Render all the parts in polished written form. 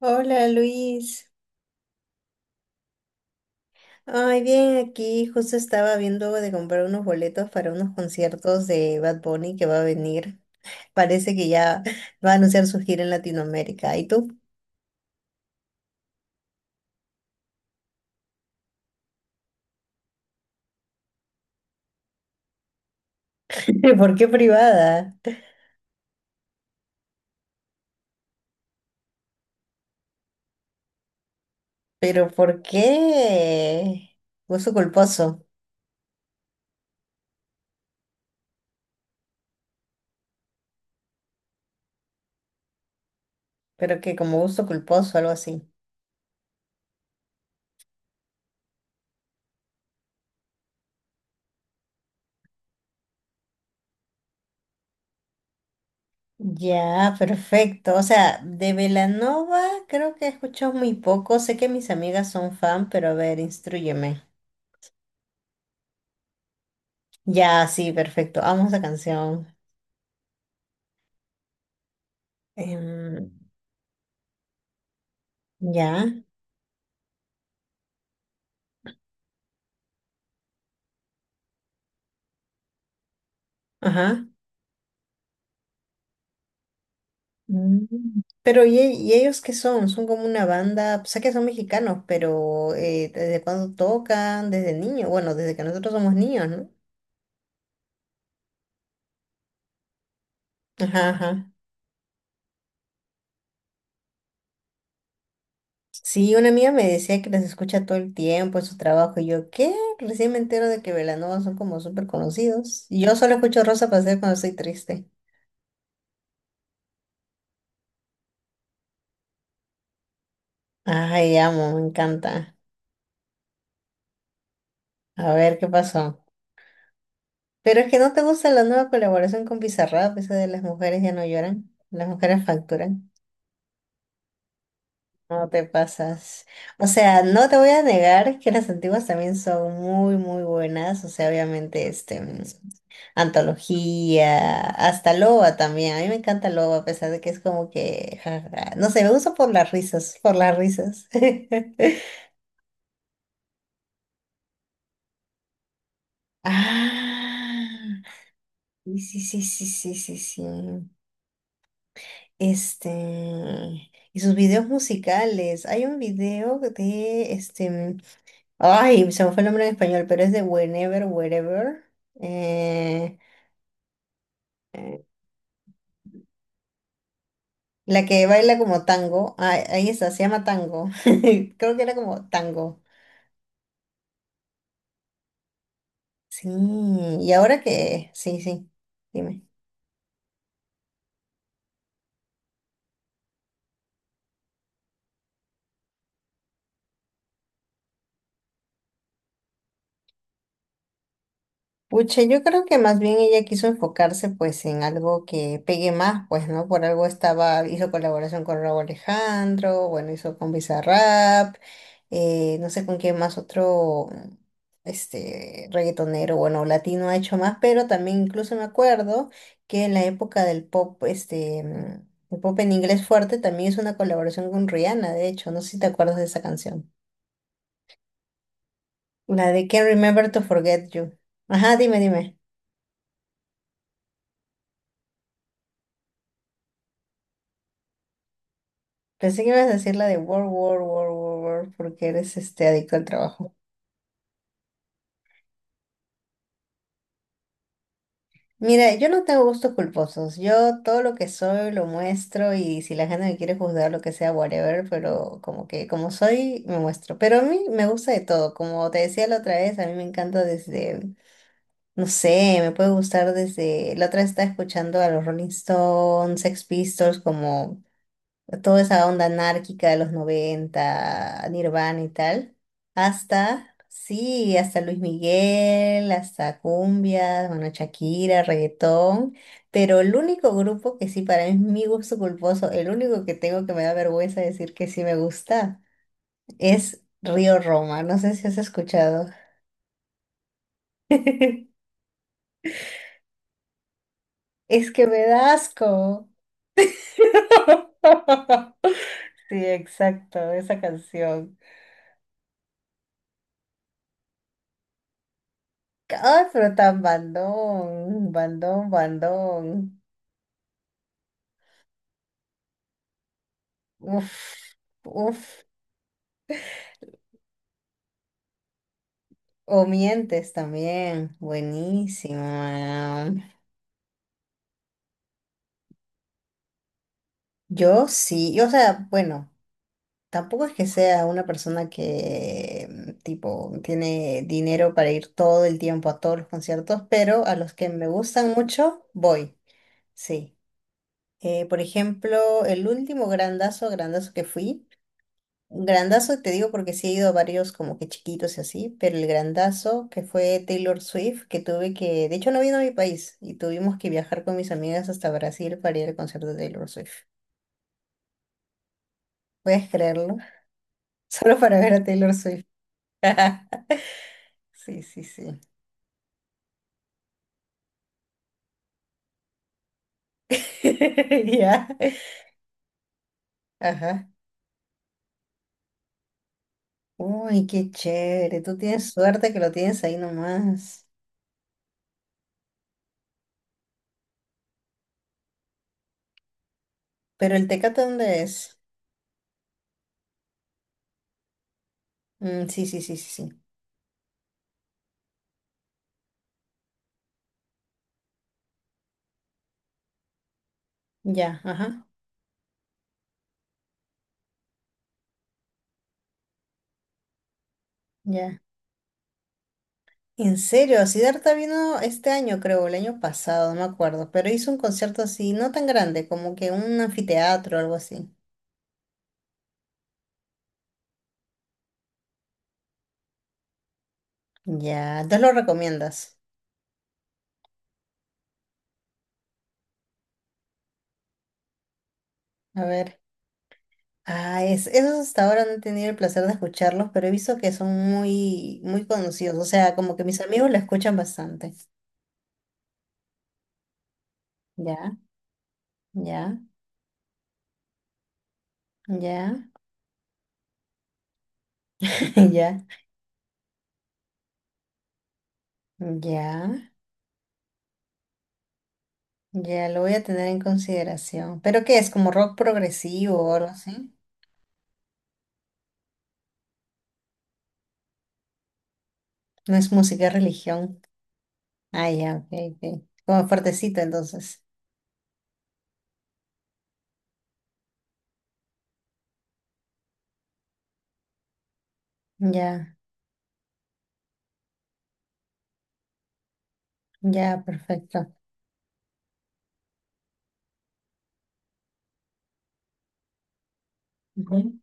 Hola Luis. Ay, bien, aquí justo estaba viendo de comprar unos boletos para unos conciertos de Bad Bunny que va a venir. Parece que ya va a anunciar su gira en Latinoamérica. ¿Y tú? ¿Por qué privada? ¿Pero por qué? Gusto culposo. Pero que como gusto culposo, algo así. Ya, perfecto. O sea, de Belanova creo que he escuchado muy poco. Sé que mis amigas son fan, pero a ver, instrúyeme. Ya, sí, perfecto. Amo esa canción. Em, ya, ajá. Mm. Pero ¿y, y ellos qué son? Son como una banda, sé que son mexicanos, pero ¿desde cuándo tocan? Desde niños, bueno, desde que nosotros somos niños, ¿no? Ajá, ajá. Sí, una amiga me decía que les escucha todo el tiempo en su trabajo y yo, ¿qué? Recién me entero de que Velanova son como súper conocidos. Y yo solo escucho Rosa Pastel cuando estoy triste. Ay, amo, me encanta. A ver, ¿qué pasó? Pero es que no te gusta la nueva colaboración con Bizarrap, eso de las mujeres ya no lloran, las mujeres facturan. No te pasas. O sea, no te voy a negar que las antiguas también son muy, muy buenas. O sea, obviamente, antología, hasta Loba también. A mí me encanta Loba, a pesar de que es como que, ja, ja, no sé, me gusta por las risas, por las risas. Ah, sí, sí, sí, sí, sí, sí, sí. Este, y sus videos musicales. Hay un video de ay, se me fue el nombre en español, pero es de Whenever, Wherever. eh, eh, la que baila como tango. Ah, ahí está, se llama tango. Creo que era como tango. Sí, y ahora que, sí, sí, dime. Pucha, yo creo que más bien ella quiso enfocarse pues en algo que pegue más, pues, ¿no? Por algo estaba, hizo colaboración con Raúl Alejandro, bueno, hizo con Bizarrap, no sé con quién más otro, este, reggaetonero, bueno, latino ha hecho más, pero también incluso me acuerdo que en la época del pop, el pop en inglés fuerte, también hizo una colaboración con Rihanna, de hecho, no sé si te acuerdas de esa canción. La de Can't Remember to Forget You. Ajá, dime, dime. Pensé que ibas a decir la de World, War, War, War, War, porque eres este adicto al trabajo. Mira, yo no tengo gustos culposos. Yo todo lo que soy lo muestro y si la gente me quiere juzgar lo que sea, whatever, pero como que como soy, me muestro. Pero a mí me gusta de todo. Como te decía la otra vez, a mí me encanta desde, no sé, me puede gustar desde, la otra vez estaba escuchando a los Rolling Stones, Sex Pistols, como toda esa onda anárquica de los 90 Nirvana y tal, hasta, sí, hasta Luis Miguel, hasta cumbia, bueno, Shakira, reggaetón, pero el único grupo que sí para mí es mi gusto culposo, el único que tengo que me da vergüenza decir que sí me gusta, es Río Roma, no sé si has escuchado. Es que me da asco. Sí, exacto, esa canción. Ay, pero tan bandón, bandón, bandón. Uf, uf. O mientes también. Buenísimo, mano. Yo sí, o sea, bueno, tampoco es que sea una persona que tipo tiene dinero para ir todo el tiempo a todos los conciertos, pero a los que me gustan mucho, voy. Sí. Por ejemplo, el último grandazo, grandazo que fui. Grandazo, te digo porque sí he ido a varios como que chiquitos y así, pero el grandazo que fue Taylor Swift, que tuve que, de hecho no vino a mi país y tuvimos que viajar con mis amigas hasta Brasil para ir al concierto de Taylor Swift. ¿Puedes creerlo? Solo para ver a Taylor Swift. Sí, sí, sí. Ya. Ajá. Uy, qué chévere. Tú tienes suerte que lo tienes ahí nomás. Pero el Tecate, ¿dónde es? Mm, sí, sí, sí, sí, sí. Ya, ajá. Ya. En serio, Siddhartha vino este año, creo, el año pasado, no me acuerdo, pero hizo un concierto así, no tan grande, como que un anfiteatro o algo así. Ya, entonces lo recomiendas. A ver. Ah, esos hasta ahora no he tenido el placer de escucharlos, pero he visto que son muy, muy conocidos. O sea, como que mis amigos lo escuchan bastante. Ya, ya, ya, ya, ya, ya, lo voy a tener en consideración. ¿Pero qué es? ¿Como rock progresivo o algo así? No es música, es religión. Ah, ya, ok, ok. Como fuertecito entonces. Ya, ya, perfecto. Ujú,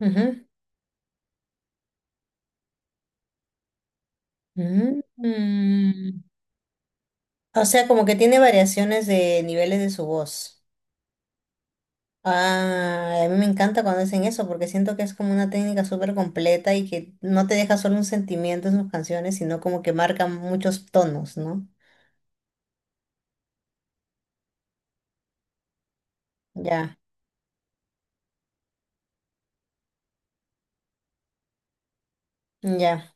ujú. Mm, mm. O sea, como que tiene variaciones de niveles de su voz. Ah, a mí me encanta cuando hacen eso porque siento que es como una técnica súper completa y que no te deja solo un sentimiento en sus canciones, sino como que marca muchos tonos, ¿no? Ya, ya,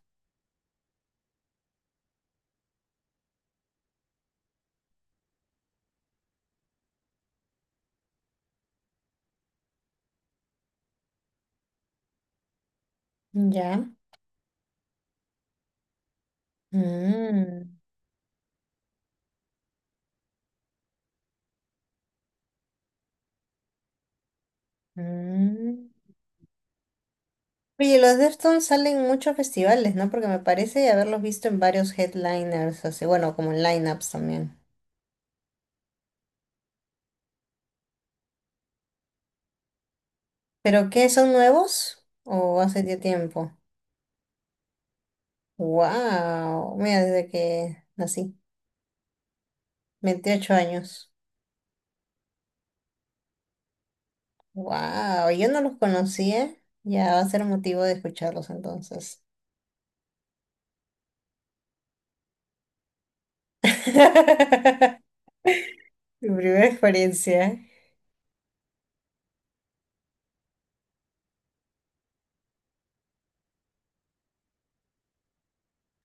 ya. Mm, mm. Oye, los Deftones salen en muchos festivales, ¿no? Porque me parece haberlos visto en varios headliners, así, bueno, como en lineups también. ¿Pero qué, son nuevos? ¿O hace ya tiempo? ¡Wow! Mira, desde que nací, 28 años. ¡Wow! Yo no los conocía. Ya va a ser motivo de escucharlos entonces. Mi primera experiencia.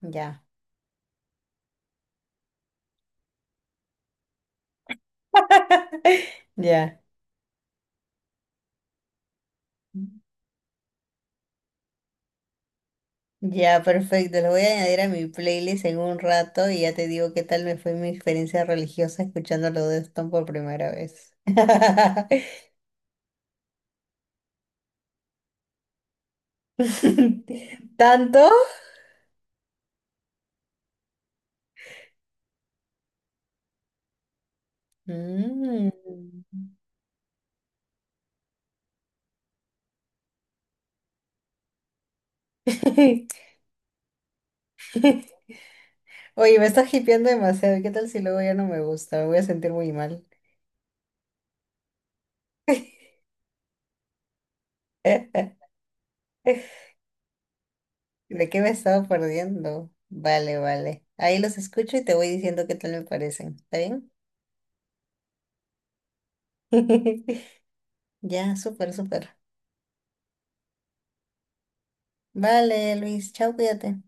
Ya, ya. Ya, perfecto. Lo voy a añadir a mi playlist en un rato y ya te digo qué tal me fue mi experiencia religiosa escuchando los de Stone por primera vez. ¿Tanto? Mm. Oye, me estás hipeando demasiado. ¿Qué tal si luego ya no me gusta? Me voy a sentir muy mal. ¿De qué me estaba perdiendo? Vale, vale. Ahí los escucho y te voy diciendo qué tal me parecen. ¿Está bien? Ya, súper, súper. Vale, Luis, chao, cuídate.